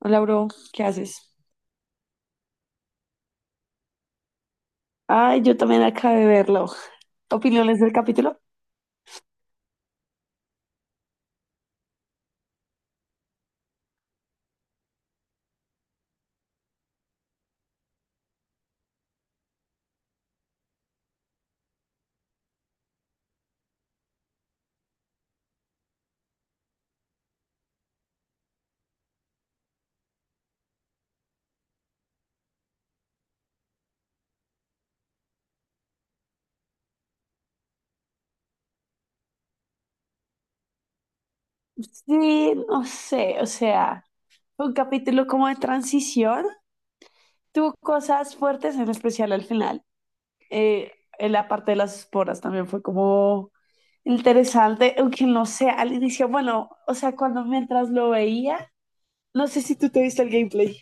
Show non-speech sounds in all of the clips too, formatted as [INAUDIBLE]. Hola, bro, ¿qué haces? Ay, yo también acabé de verlo. ¿Opiniones del capítulo? Sí, no sé, o sea, fue un capítulo como de transición. Tuvo cosas fuertes, en especial al final. Eh, en la parte de las esporas también fue como interesante, aunque no sé, al inicio, bueno, o sea, cuando mientras lo veía, no sé si tú te viste el gameplay.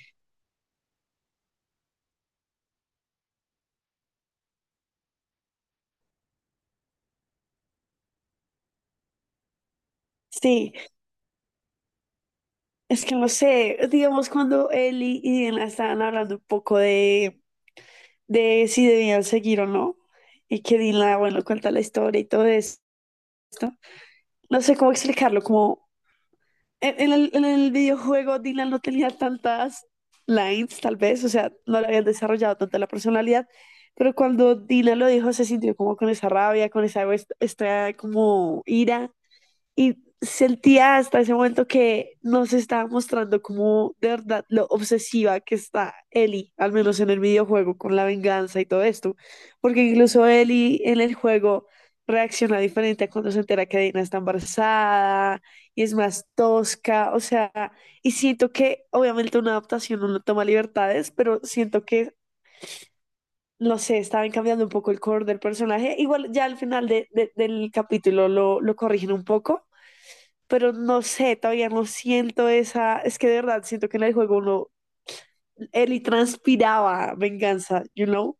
Sí, es que no sé, digamos cuando Eli y Diana estaban hablando un poco de si debían seguir o no. Y que Dylan, bueno, cuenta la historia y todo eso. No sé cómo explicarlo, como en el videojuego Dylan no tenía tantas lines, tal vez, o sea, no le habían desarrollado tanta la personalidad, pero cuando Dylan lo dijo se sintió como con esa rabia, con esa, esta como ira, y sentía hasta ese momento que nos estaba mostrando como de verdad lo obsesiva que está Ellie, al menos en el videojuego, con la venganza y todo esto. Porque incluso Ellie en el juego reacciona diferente a cuando se entera que Dina está embarazada y es más tosca, o sea, y siento que obviamente una adaptación no toma libertades, pero siento que, no sé, estaban cambiando un poco el core del personaje. Igual ya al final del capítulo lo corrigen un poco, pero no sé, todavía no siento esa, es que de verdad siento que en el juego no, Ellie transpiraba venganza, you know?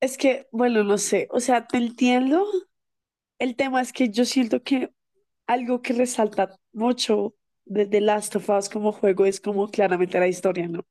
Es que, bueno, no sé, o sea, te entiendo. El tema es que yo siento que algo que resalta mucho de The Last of Us como juego es como claramente la historia, ¿no?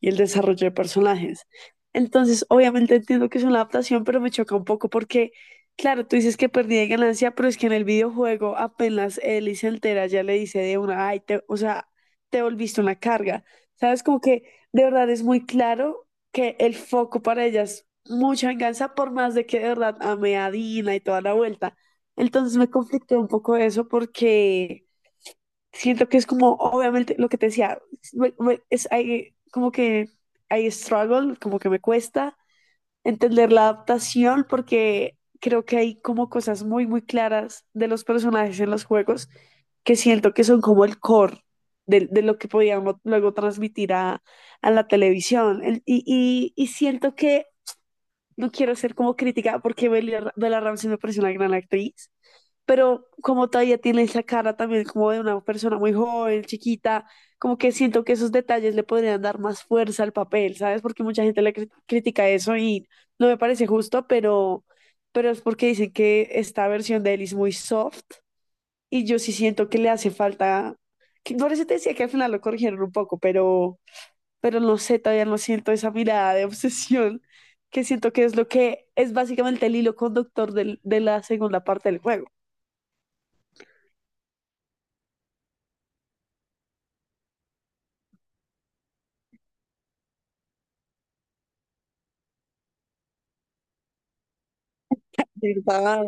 Y el desarrollo de personajes. Entonces, obviamente entiendo que es una adaptación, pero me choca un poco porque, claro, tú dices que perdí de ganancia, pero es que en el videojuego apenas Ellie se entera, ya le dice de una, ay, o sea, te volviste una carga. ¿Sabes? Como que de verdad es muy claro que el foco para ellas mucha venganza, por más de que de verdad ame a Dina y toda la vuelta. Entonces me conflictó un poco eso porque siento que es como, obviamente, lo que te decía, como que hay struggle, como que me cuesta entender la adaptación porque creo que hay como cosas muy, muy claras de los personajes en los juegos que siento que son como el core de lo que podíamos luego transmitir a la televisión. Y siento que no quiero ser como crítica porque Bella Ramsey me parece una gran actriz, pero como todavía tiene esa cara también como de una persona muy joven, chiquita, como que siento que esos detalles le podrían dar más fuerza al papel, ¿sabes? Porque mucha gente le critica eso y no me parece justo, pero es porque dicen que esta versión de él es muy soft y yo sí siento que le hace falta, que, por eso te decía que al final lo corrigieron un poco, pero no sé, todavía no siento esa mirada de obsesión que siento que es lo que es básicamente el hilo conductor de la segunda parte del juego. ¿Verdad?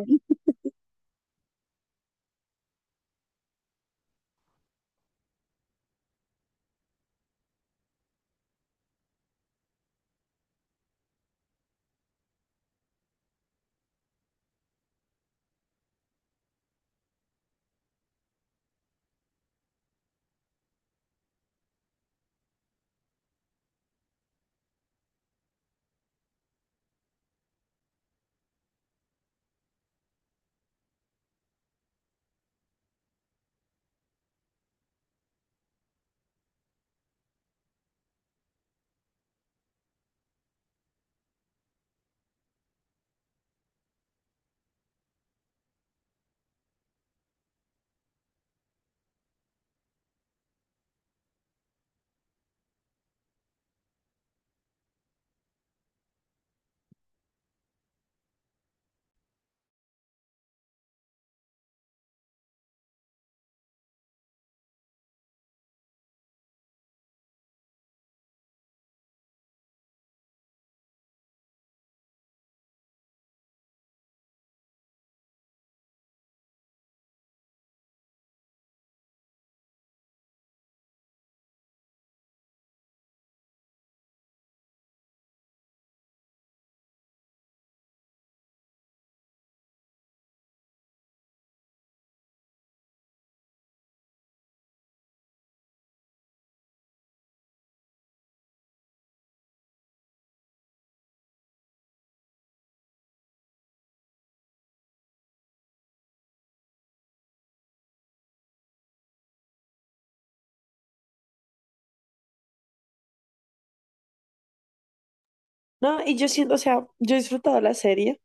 No, y yo siento, o sea, yo he disfrutado la serie,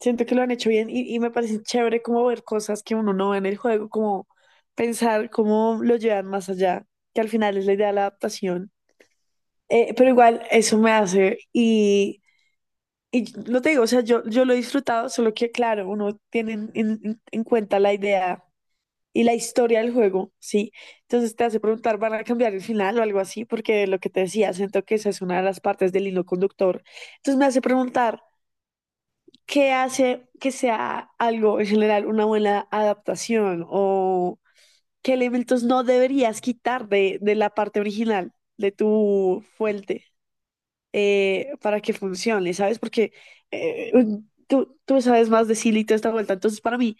siento que lo han hecho bien y me parece chévere como ver cosas que uno no ve en el juego, como pensar cómo lo llevan más allá, que al final es la idea de la adaptación. Pero igual eso me hace , y lo te digo, o sea, yo lo he disfrutado, solo que claro, uno tiene en cuenta la idea y la historia del juego, ¿sí? Entonces te hace preguntar, ¿van a cambiar el final o algo así? Porque lo que te decía, siento que esa es una de las partes del hilo conductor. Entonces me hace preguntar, ¿qué hace que sea algo en general una buena adaptación o qué elementos no deberías quitar de la parte original, de tu fuente, para que funcione, ¿sabes? Porque eh, tú sabes más de Silly y toda esta vuelta. Entonces, para mí,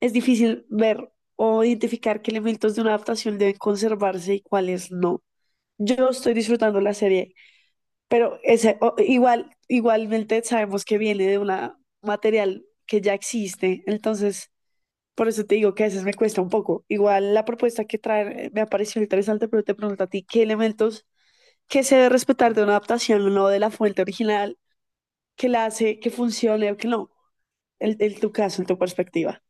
es difícil ver o identificar qué elementos de una adaptación deben conservarse y cuáles no. Yo estoy disfrutando la serie, pero ese, igual, igualmente sabemos que viene de un material que ya existe, entonces por eso te digo que a veces me cuesta un poco. Igual la propuesta que traen me ha parecido interesante, pero te pregunto a ti, ¿qué elementos que se debe respetar de una adaptación o no de la fuente original que la hace que funcione o que no? En tu caso, en tu perspectiva.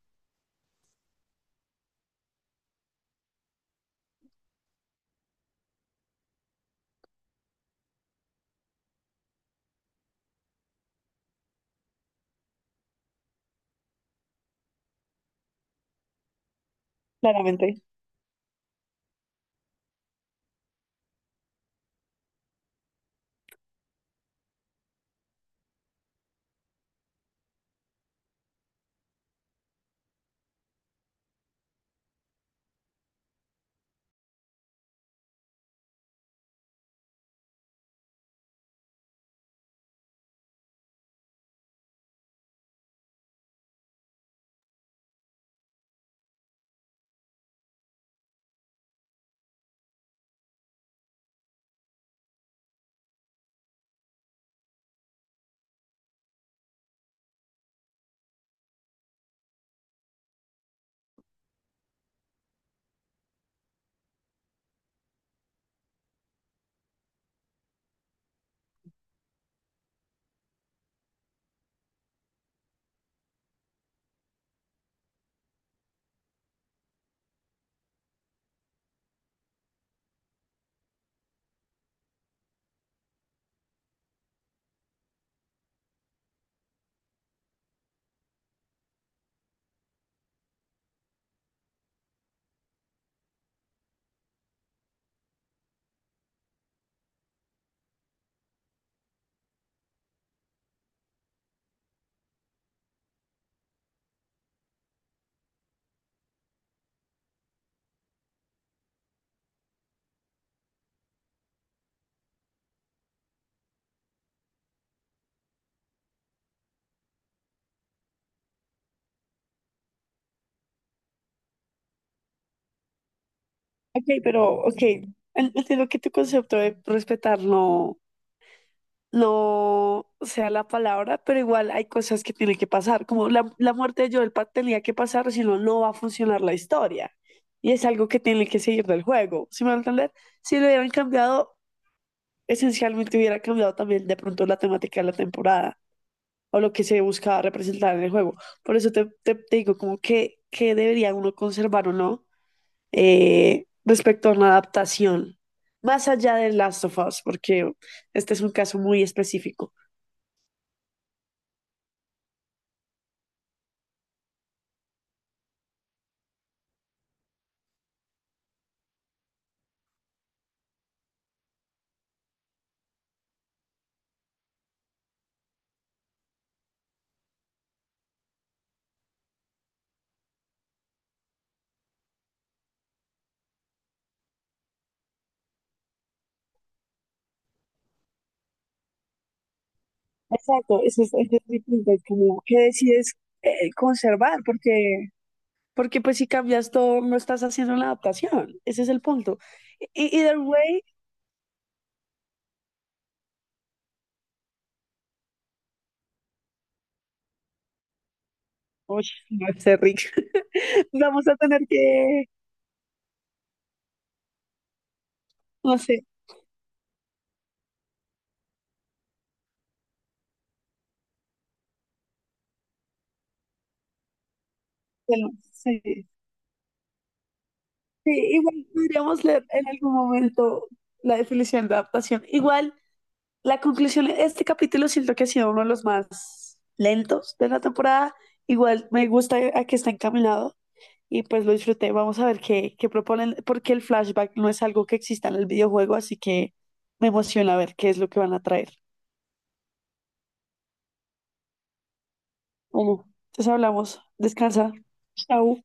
Claramente. Ok, ok, entiendo que tu concepto de respetar no, no sea la palabra, pero igual hay cosas que tienen que pasar, como la muerte de Joel Pat tenía que pasar, si no, no va a funcionar la historia. Y es algo que tiene que seguir del juego, ¿sí me van a entender? Si lo hubieran cambiado, esencialmente hubiera cambiado también de pronto la temática de la temporada, o lo que se buscaba representar en el juego. Por eso te digo como que debería uno conservar o no, respecto a una adaptación, más allá de Last of Us, porque este es un caso muy específico. Exacto, ese es mi punto, es como que decides conservar, porque pues si cambias todo, no estás haciendo una adaptación, ese es el punto. Y either way, uy, no sé, Rick, [LAUGHS] vamos a tener que, no sé, bueno, sí. Sí, igual podríamos leer en algún momento la definición de adaptación. Igual, la conclusión de este capítulo siento que ha sido uno de los más lentos de la temporada. Igual me gusta a que está encaminado y pues lo disfruté. Vamos a ver qué proponen, porque el flashback no es algo que exista en el videojuego, así que me emociona ver qué es lo que van a traer. Bueno, entonces hablamos. Descansa. Chao.